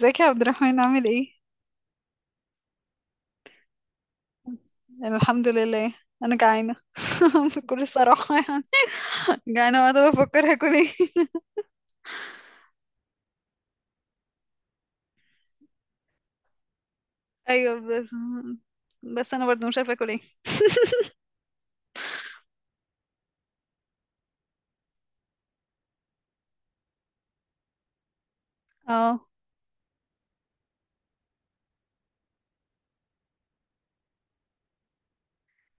ازيك يا عبد الرحمن عامل ايه؟ أنا الحمد لله، انا جعانه. بكل صراحه يعني. جعانه وقاعده بفكر هاكل ايه. ايوه بس، انا برضو مش عارفه اكل ايه. اه،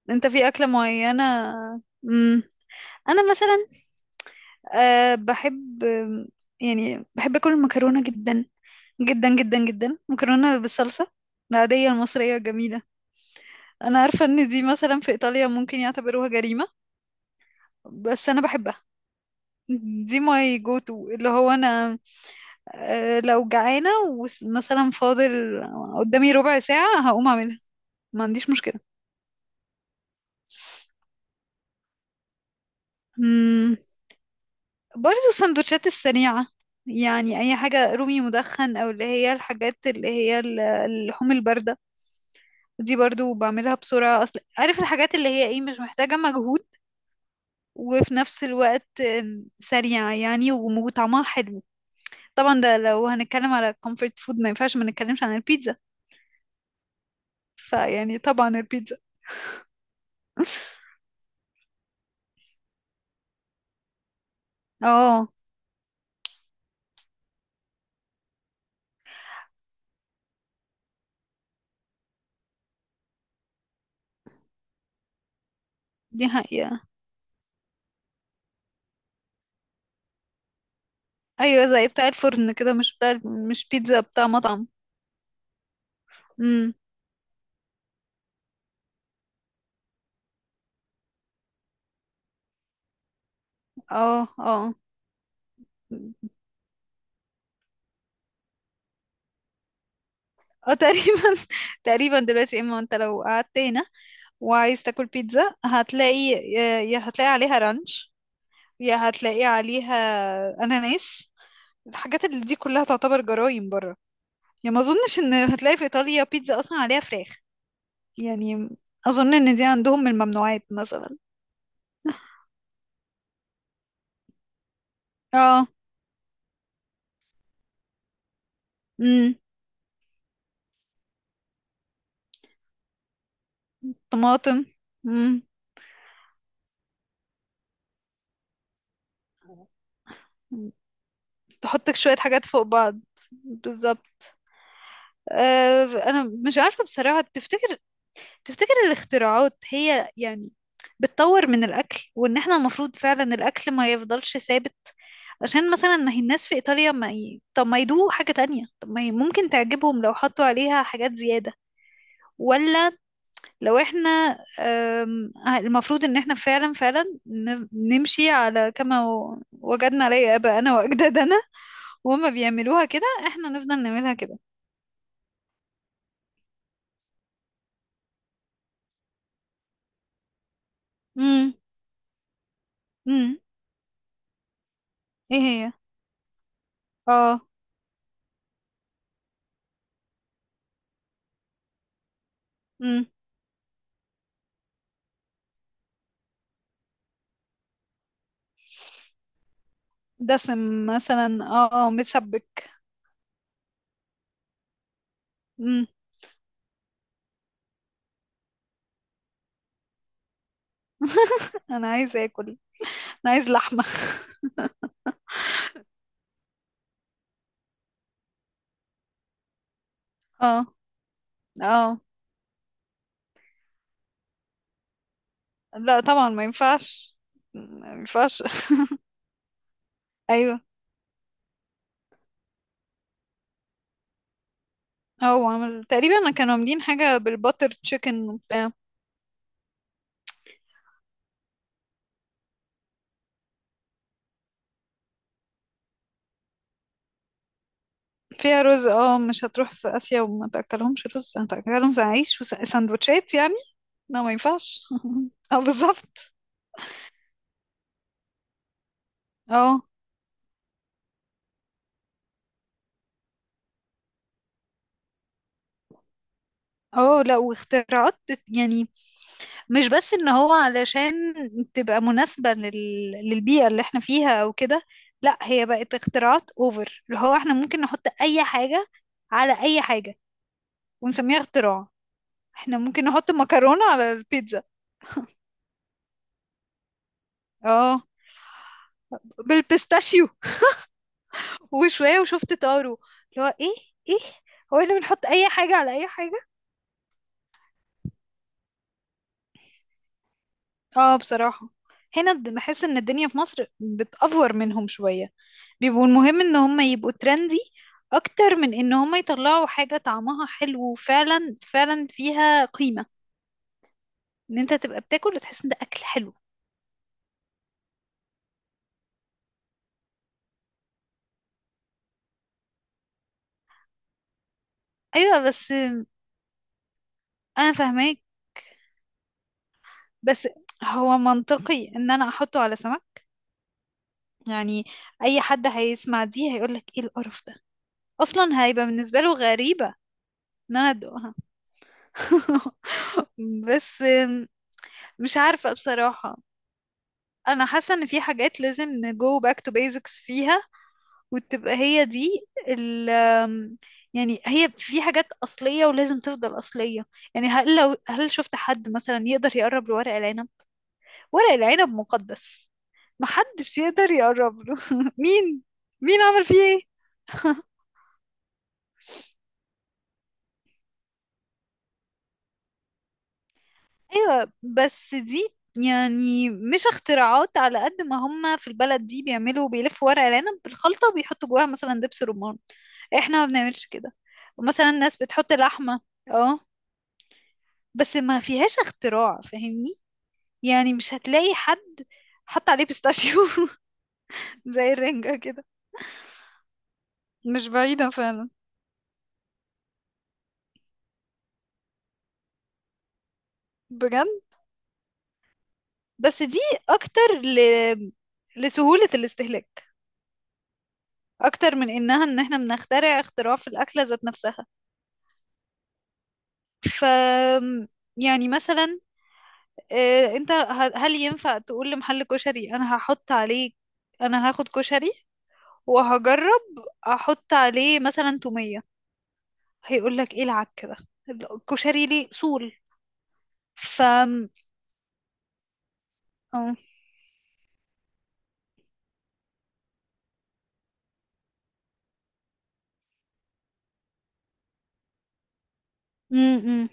انت في اكله معينه. امم انا مثلا، أه بحب، يعني بحب اكل المكرونه جدا، جدا جدا جدا، مكرونه بالصلصه العاديه المصريه الجميله. انا عارفه ان دي مثلا في ايطاليا ممكن يعتبروها جريمه، بس انا بحبها. دي ماي جو تو، اللي هو انا، لو جعانة ومثلا فاضل قدامي ربع ساعة هقوم أعملها، ما عنديش مشكلة. مم. برضو السندوتشات السريعة، يعني أي حاجة رومي مدخن، أو اللي هي الحاجات اللي هي اللحوم الباردة، دي برضو بعملها بسرعة. أصل عارف الحاجات اللي هي إيه، مش محتاجة مجهود، وفي نفس الوقت سريعة يعني، وطعمها حلو. طبعا ده لو هنتكلم على comfort food، ما ينفعش ما نتكلمش عن البيتزا. فيعني طبعا البيتزا. اه، دي حقيقة. ايوه زي بتاع الفرن كده، مش بتاع، مش بيتزا بتاع مطعم. امم. اه اه. اه تقريبا، تقريبا دلوقتي. اما انت لو قعدت هنا وعايز تاكل بيتزا، هتلاقي يا هتلاقي عليها رانش، يا هتلاقي عليها اناناس. الحاجات اللي دي كلها تعتبر جرايم بره يعني. ما اظنش ان هتلاقي في ايطاليا بيتزا اصلا عليها فراخ يعني. اظن ان دي عندهم من الممنوعات مثلا. اه. امم. طماطم. مم. تحطك شوية حاجات فوق بعض. بالظبط. أه أنا مش عارفة بصراحة. تفتكر، تفتكر الاختراعات هي يعني بتطور من الأكل، وإن احنا المفروض فعلا الأكل ما يفضلش ثابت؟ عشان مثلا ما هي الناس في إيطاليا ما ي... طب ما يدوقوا حاجة تانية، طب ما ي... ممكن تعجبهم لو حطوا عليها حاجات زيادة. ولا لو احنا أم... المفروض إن احنا فعلا فعلا ن... نمشي على كما وجدنا عليه آباءنا وأجدادنا، وهما بيعملوها كده احنا نفضل نعملها كده. امم. امم. ايه هي؟ اه. امم. دسم مثلا، اه متسبك. امم. انا عايز اكل. انا عايز لحمة. اه اه. لا طبعا ما ينفعش. ما ينفعش. ايوه. هو عمل تقريبا، كانوا عاملين حاجة بالباتر تشيكن وبتاع. فيها رز، اه. مش هتروح في اسيا وما تاكلهمش رز، هتاكلهم عيش وساندوتشات يعني؟ لا ما ينفعش. اه بالظبط. اه. اه لا، واختراعات بت يعني، مش بس ان هو علشان تبقى مناسبة لل... للبيئة اللي احنا فيها او كده. لا، هي بقت اختراعات اوفر، اللي هو احنا ممكن نحط اي حاجة على اي حاجة ونسميها اختراع. احنا ممكن نحط مكرونة على البيتزا. اه. بالبيستاشيو. وشوية وشفت طارو، اللي هو ايه، ايه، هو احنا بنحط اي حاجة على اي حاجة. اه بصراحة، هنا بحس ان الدنيا في مصر بتأفور منهم شوية. بيبقوا المهم ان هم يبقوا ترندي، اكتر من ان هم يطلعوا حاجة طعمها حلو وفعلا فعلا فيها قيمة، ان انت تبقى بتاكل وتحس ان ده اكل حلو. ايوه بس، انا فاهماك. بس هو منطقي ان انا احطه على سمك يعني؟ اي حد هيسمع دي هيقولك ايه القرف ده. اصلا هيبقى بالنسبة له غريبة ان انا ادوقها. بس، مش عارفة بصراحة. انا حاسة ان في حاجات لازم نجو باك تو بيزكس فيها، وتبقى هي دي ال يعني هي في حاجات أصلية ولازم تفضل أصلية. يعني هل لو، هل شفت حد مثلا يقدر يقرب لورق العنب؟ ورق العنب مقدس، محدش يقدر يقرب له. مين، مين عمل فيه ايه؟ ايوه بس دي، يعني مش اختراعات. على قد ما هم في البلد دي بيعملوا بيلفوا ورق العنب بالخلطة وبيحطوا جواها مثلا دبس رمان، احنا ما بنعملش كده. ومثلا الناس بتحط لحمة، اه، بس ما فيهاش اختراع، فاهمني؟ يعني مش هتلاقي حد حط عليه بيستاشيو زي الرنجة كده. مش بعيدة فعلا. بجد؟ بس دي اكتر ل... لسهولة الاستهلاك، اكتر من انها ان احنا بنخترع اختراع في الاكلة ذات نفسها. ف، يعني مثلا، انت هل ينفع تقول لمحل كشري انا هحط عليه، انا هاخد كشري وهجرب احط عليه مثلا تومية؟ هيقول لك ايه العك ده، الكشري ليه اصول. ف، آه. امم.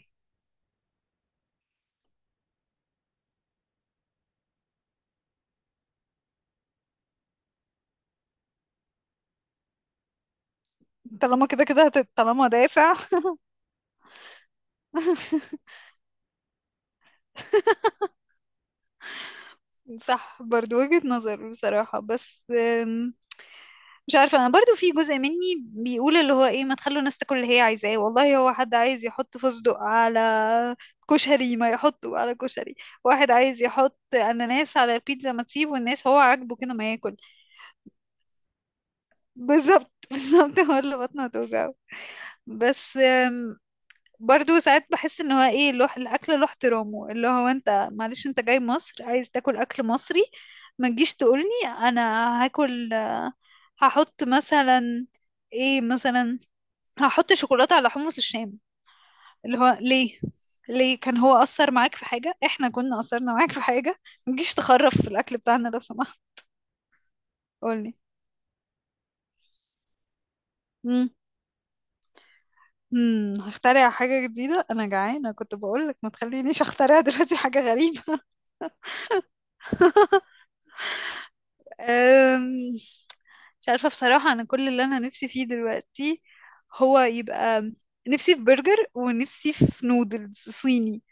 طالما كده كده هت... طالما دافع. صح، برضو وجهة نظر بصراحة. بس أم، مش عارفة. أنا برضو في جزء مني بيقول اللي هو إيه، ما تخلوا الناس تاكل اللي هي عايزاه. والله هو حد عايز يحط فستق على كشري ما يحطه على كشري، واحد عايز يحط أناناس على البيتزا ما تسيبه، الناس هو عاجبه كده ما ياكل. بالظبط. بالظبط، هو اللي بطنه هتوجعه. بس برضو ساعات بحس ان هو ايه، له الاكل له احترامه، اللي هو انت معلش انت جاي مصر عايز تاكل اكل مصري، ما تجيش تقولني انا هاكل، هحط مثلا ايه مثلا، هحط شوكولاته على حمص الشام. اللي هو ليه؟ ليه كان هو اثر معاك في حاجه، احنا كنا اثرنا معاك في حاجه؟ ما تجيش تخرف في الاكل بتاعنا لو سمحت. قولي. امم. امم. هخترع حاجه جديده، انا جعانه كنت بقولك، ما تخلينيش اخترع دلوقتي حاجه غريبه. أم، مش عارفة بصراحة. أنا كل اللي أنا نفسي فيه دلوقتي، هو يبقى، نفسي في برجر ونفسي في نودلز صيني.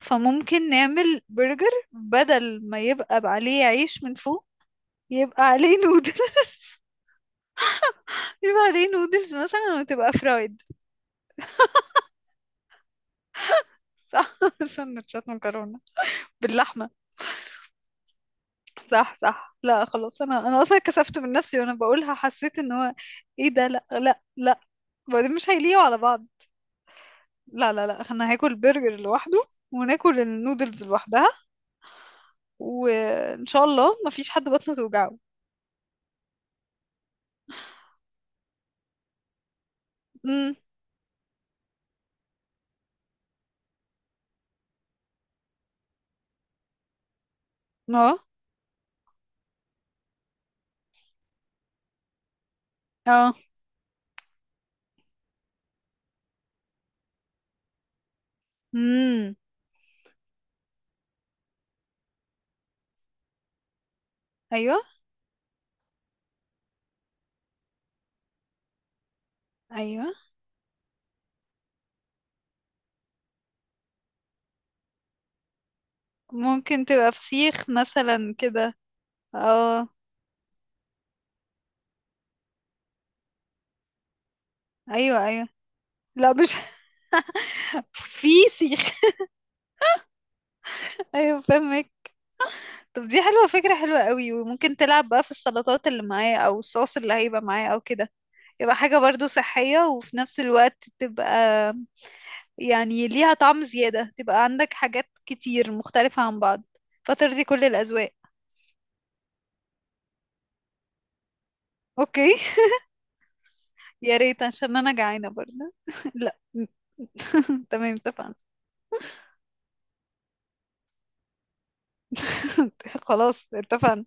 فممكن نعمل برجر بدل ما يبقى عليه عيش من فوق، يبقى عليه نودل، يبقى عليه نودلز مثلا وتبقى فرايد. صح. سندوتشات مكرونة باللحمة. صح صح. لا خلاص، أنا أصلا كسفت من نفسي وأنا بقولها، حسيت إن هو إيه ده، لا لا لا، وبعدين مش هيليقوا على بعض. لا لا لا، احنا هاكل برجر لوحده وناكل النودلز لوحدها، وان شاء الله ما فيش حد بطنه توجعه. امم. اه اه. امم. ايوه ايوه. ممكن تبقى فسيخ مثلا كده. اه. ايوه ايوه، لا مش، في سيخ. ايوه فاهمك. طب دي حلوه، فكره حلوه قوي، وممكن تلعب بقى في السلطات اللي معاه او الصوص اللي هيبقى معاه او كده، يبقى حاجه برضو صحيه، وفي نفس الوقت تبقى يعني ليها طعم زيادة، تبقى عندك حاجات كتير مختلفة عن بعض فترضي كل الأذواق. اوكي. يا ريت عشان انا جعانة برضه. لا. تمام، اتفقنا. خلاص، اتفقنا.